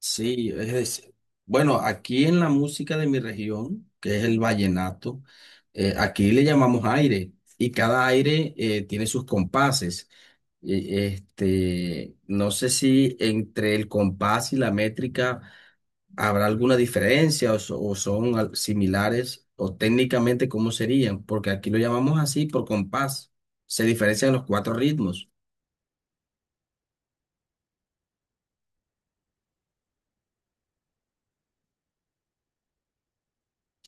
Sí, es decir, bueno, aquí en la música de mi región, que es el vallenato, aquí le llamamos aire y cada aire tiene sus compases. No sé si entre el compás y la métrica habrá alguna diferencia o, o son similares o técnicamente cómo serían, porque aquí lo llamamos así por compás. Se diferencian los cuatro ritmos,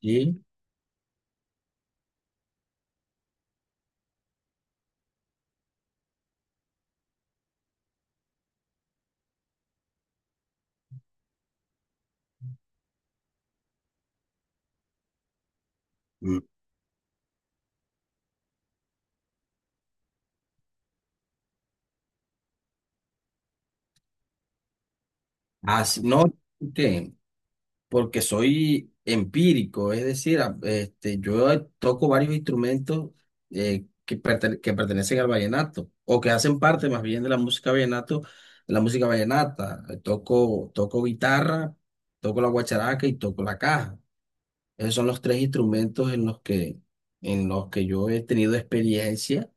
¿sí? Mm. Así, no, ¿qué? Porque soy empírico, es decir, este, yo toco varios instrumentos que, que pertenecen al vallenato o que hacen parte más bien de la música vallenato, de la música vallenata. Toco guitarra, toco la guacharaca y toco la caja. Esos son los tres instrumentos en los que yo he tenido experiencia.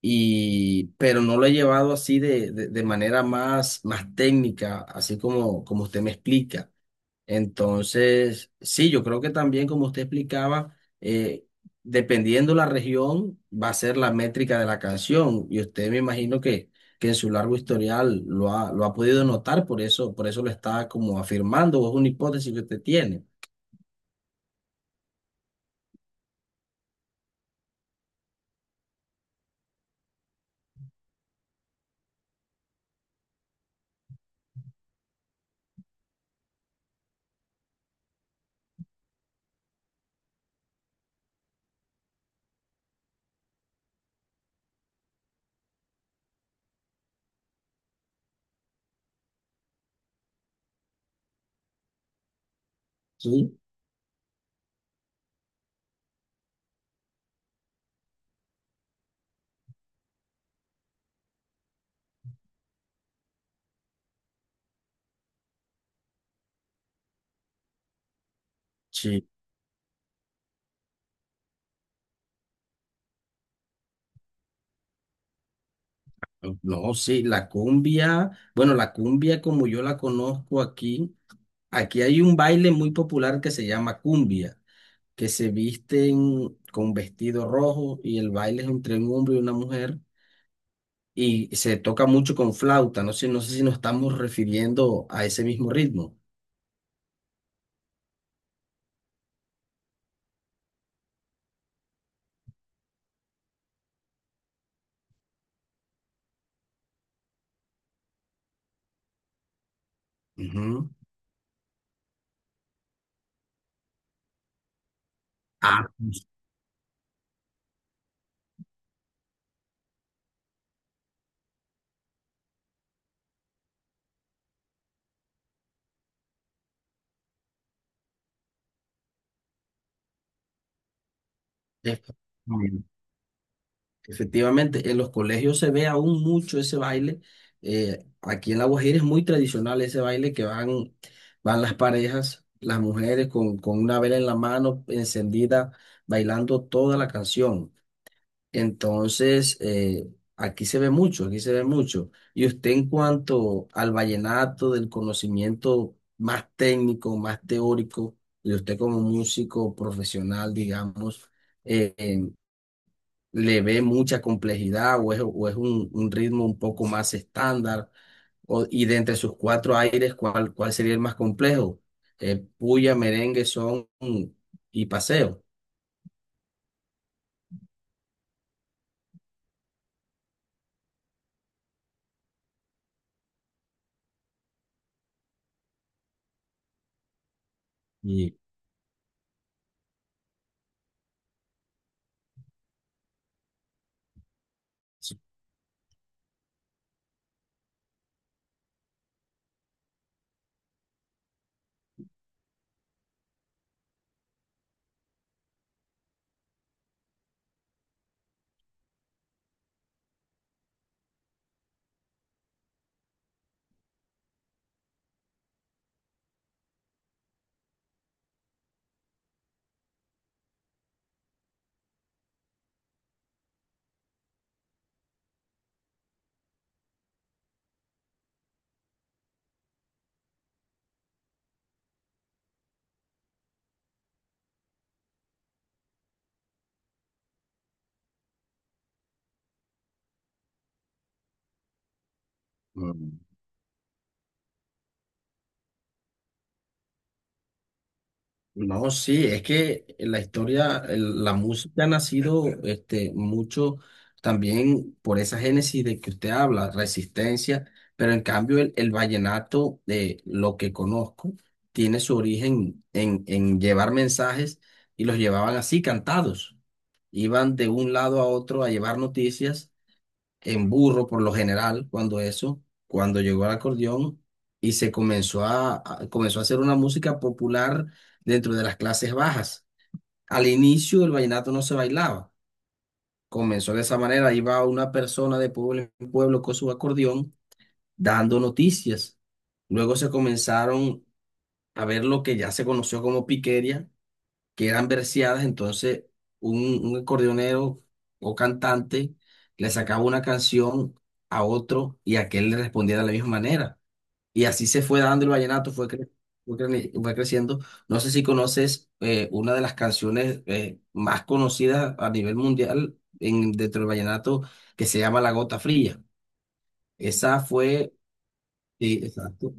Y, pero no lo he llevado así de manera más, más técnica, así como, como usted me explica. Entonces, sí, yo creo que también, como usted explicaba, eh, dependiendo la región, va a ser la métrica de la canción. Y usted me imagino que en su largo historial lo ha podido notar, por eso lo está como afirmando, o es una hipótesis que usted tiene. Sí. Sí. No, sí, la cumbia, bueno, la cumbia como yo la conozco aquí, aquí hay un baile muy popular que se llama cumbia, que se visten con vestido rojo y el baile es entre un hombre y una mujer y se toca mucho con flauta. No sé, no sé si nos estamos refiriendo a ese mismo ritmo. Ujú. Ah, efectivamente. Efectivamente, en los colegios se ve aún mucho ese baile. Aquí en La Guajira es muy tradicional ese baile que van, van las parejas, las mujeres con una vela en la mano encendida, bailando toda la canción. Entonces, aquí se ve mucho, aquí se ve mucho. Y usted en cuanto al vallenato, del conocimiento más técnico, más teórico, y usted como músico profesional, digamos, eh, eh, ¿le ve mucha complejidad o es un ritmo un poco más estándar? Y de entre sus cuatro aires, ¿cuál, cuál sería el más complejo? Puya, merengue, son y paseo. Y, no, sí, es que la historia, la música ha nacido este, mucho también por esa génesis de que usted habla, resistencia, pero en cambio el vallenato, de lo que conozco, tiene su origen en llevar mensajes y los llevaban así, cantados. Iban de un lado a otro a llevar noticias en burro por lo general, cuando eso, cuando llegó el acordeón y se comenzó a, comenzó a hacer una música popular dentro de las clases bajas. Al inicio el vallenato no se bailaba, comenzó de esa manera, iba una persona de pueblo en pueblo con su acordeón dando noticias. Luego se comenzaron a ver lo que ya se conoció como piquería, que eran verseadas, entonces un acordeonero o cantante le sacaba una canción a otro y aquel le respondía de la misma manera. Y así se fue dando el vallenato, fue creciendo. No sé si conoces una de las canciones más conocidas a nivel mundial en, dentro del vallenato, que se llama La Gota Fría. Esa fue, sí, exacto.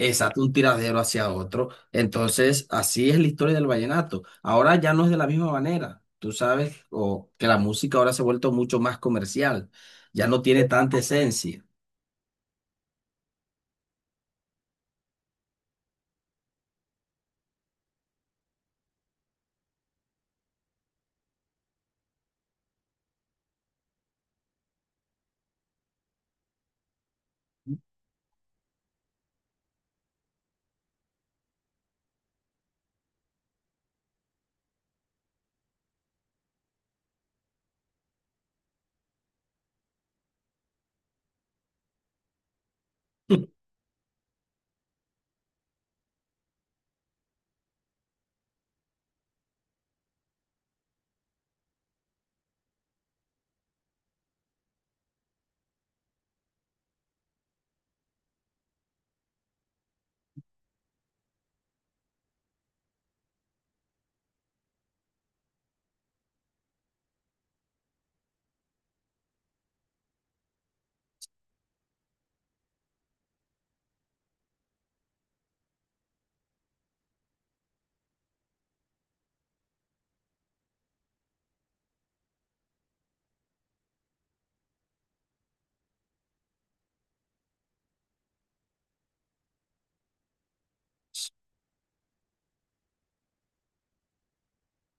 Exacto, un tiradero hacia otro. Entonces, así es la historia del vallenato. Ahora ya no es de la misma manera. Tú sabes, o que la música ahora se ha vuelto mucho más comercial. Ya no tiene tanta esencia.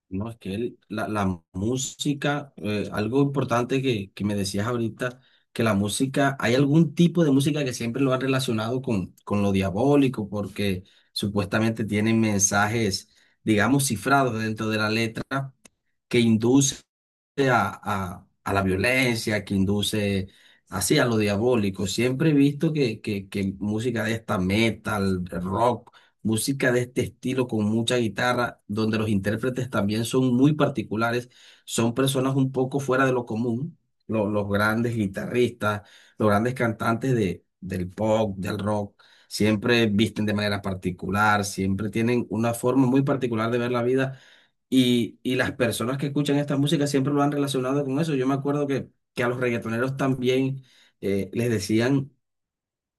No, es que la, la música, algo importante que me decías ahorita, que la música, hay algún tipo de música que siempre lo han relacionado con lo diabólico, porque supuestamente tienen mensajes, digamos, cifrados dentro de la letra que induce a, a la violencia, que induce así a lo diabólico. Siempre he visto que música de esta metal, rock, música de este estilo con mucha guitarra, donde los intérpretes también son muy particulares, son personas un poco fuera de lo común, los grandes guitarristas, los grandes cantantes de, del pop, del rock. Siempre visten de manera particular, siempre tienen una forma muy particular de ver la vida y las personas que escuchan esta música siempre lo han relacionado con eso. Yo me acuerdo que a los reggaetoneros también les decían,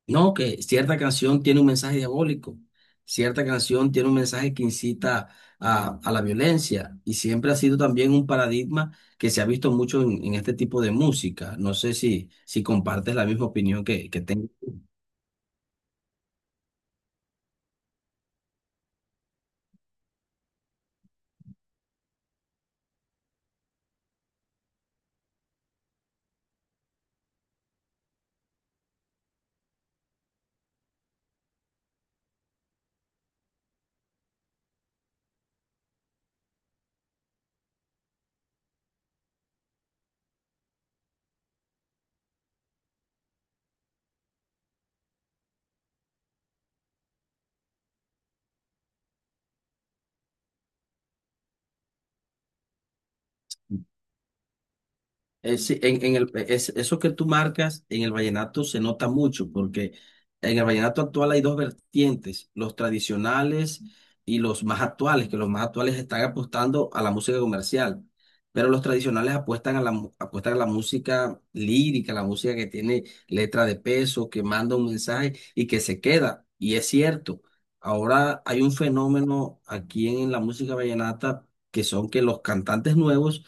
no, que cierta canción tiene un mensaje diabólico, cierta canción tiene un mensaje que incita a la violencia. Y siempre ha sido también un paradigma que se ha visto mucho en este tipo de música. No sé si, si compartes la misma opinión que tengo. Sí, en el, eso que tú marcas en el vallenato se nota mucho, porque en el vallenato actual hay dos vertientes, los tradicionales y los más actuales, que los más actuales están apostando a la música comercial, pero los tradicionales apuestan a la, apuestan a la música lírica, la música que tiene letra de peso, que manda un mensaje y que se queda. Y es cierto, ahora hay un fenómeno aquí en la música vallenata, que son que los cantantes nuevos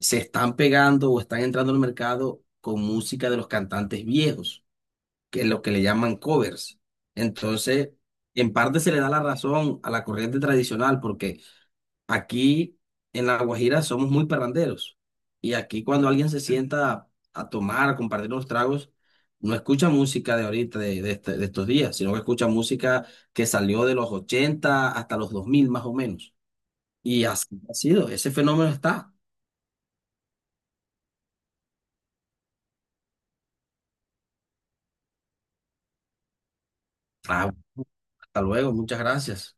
se están pegando o están entrando al mercado con música de los cantantes viejos, que es lo que le llaman covers. Entonces, en parte se le da la razón a la corriente tradicional porque aquí en La Guajira somos muy parranderos y aquí cuando alguien se sienta a tomar, a compartir unos tragos, no escucha música de ahorita, de, de estos días, sino que escucha música que salió de los 80 hasta los 2000 más o menos. Y así ha sido, ese fenómeno está. Hasta luego, muchas gracias.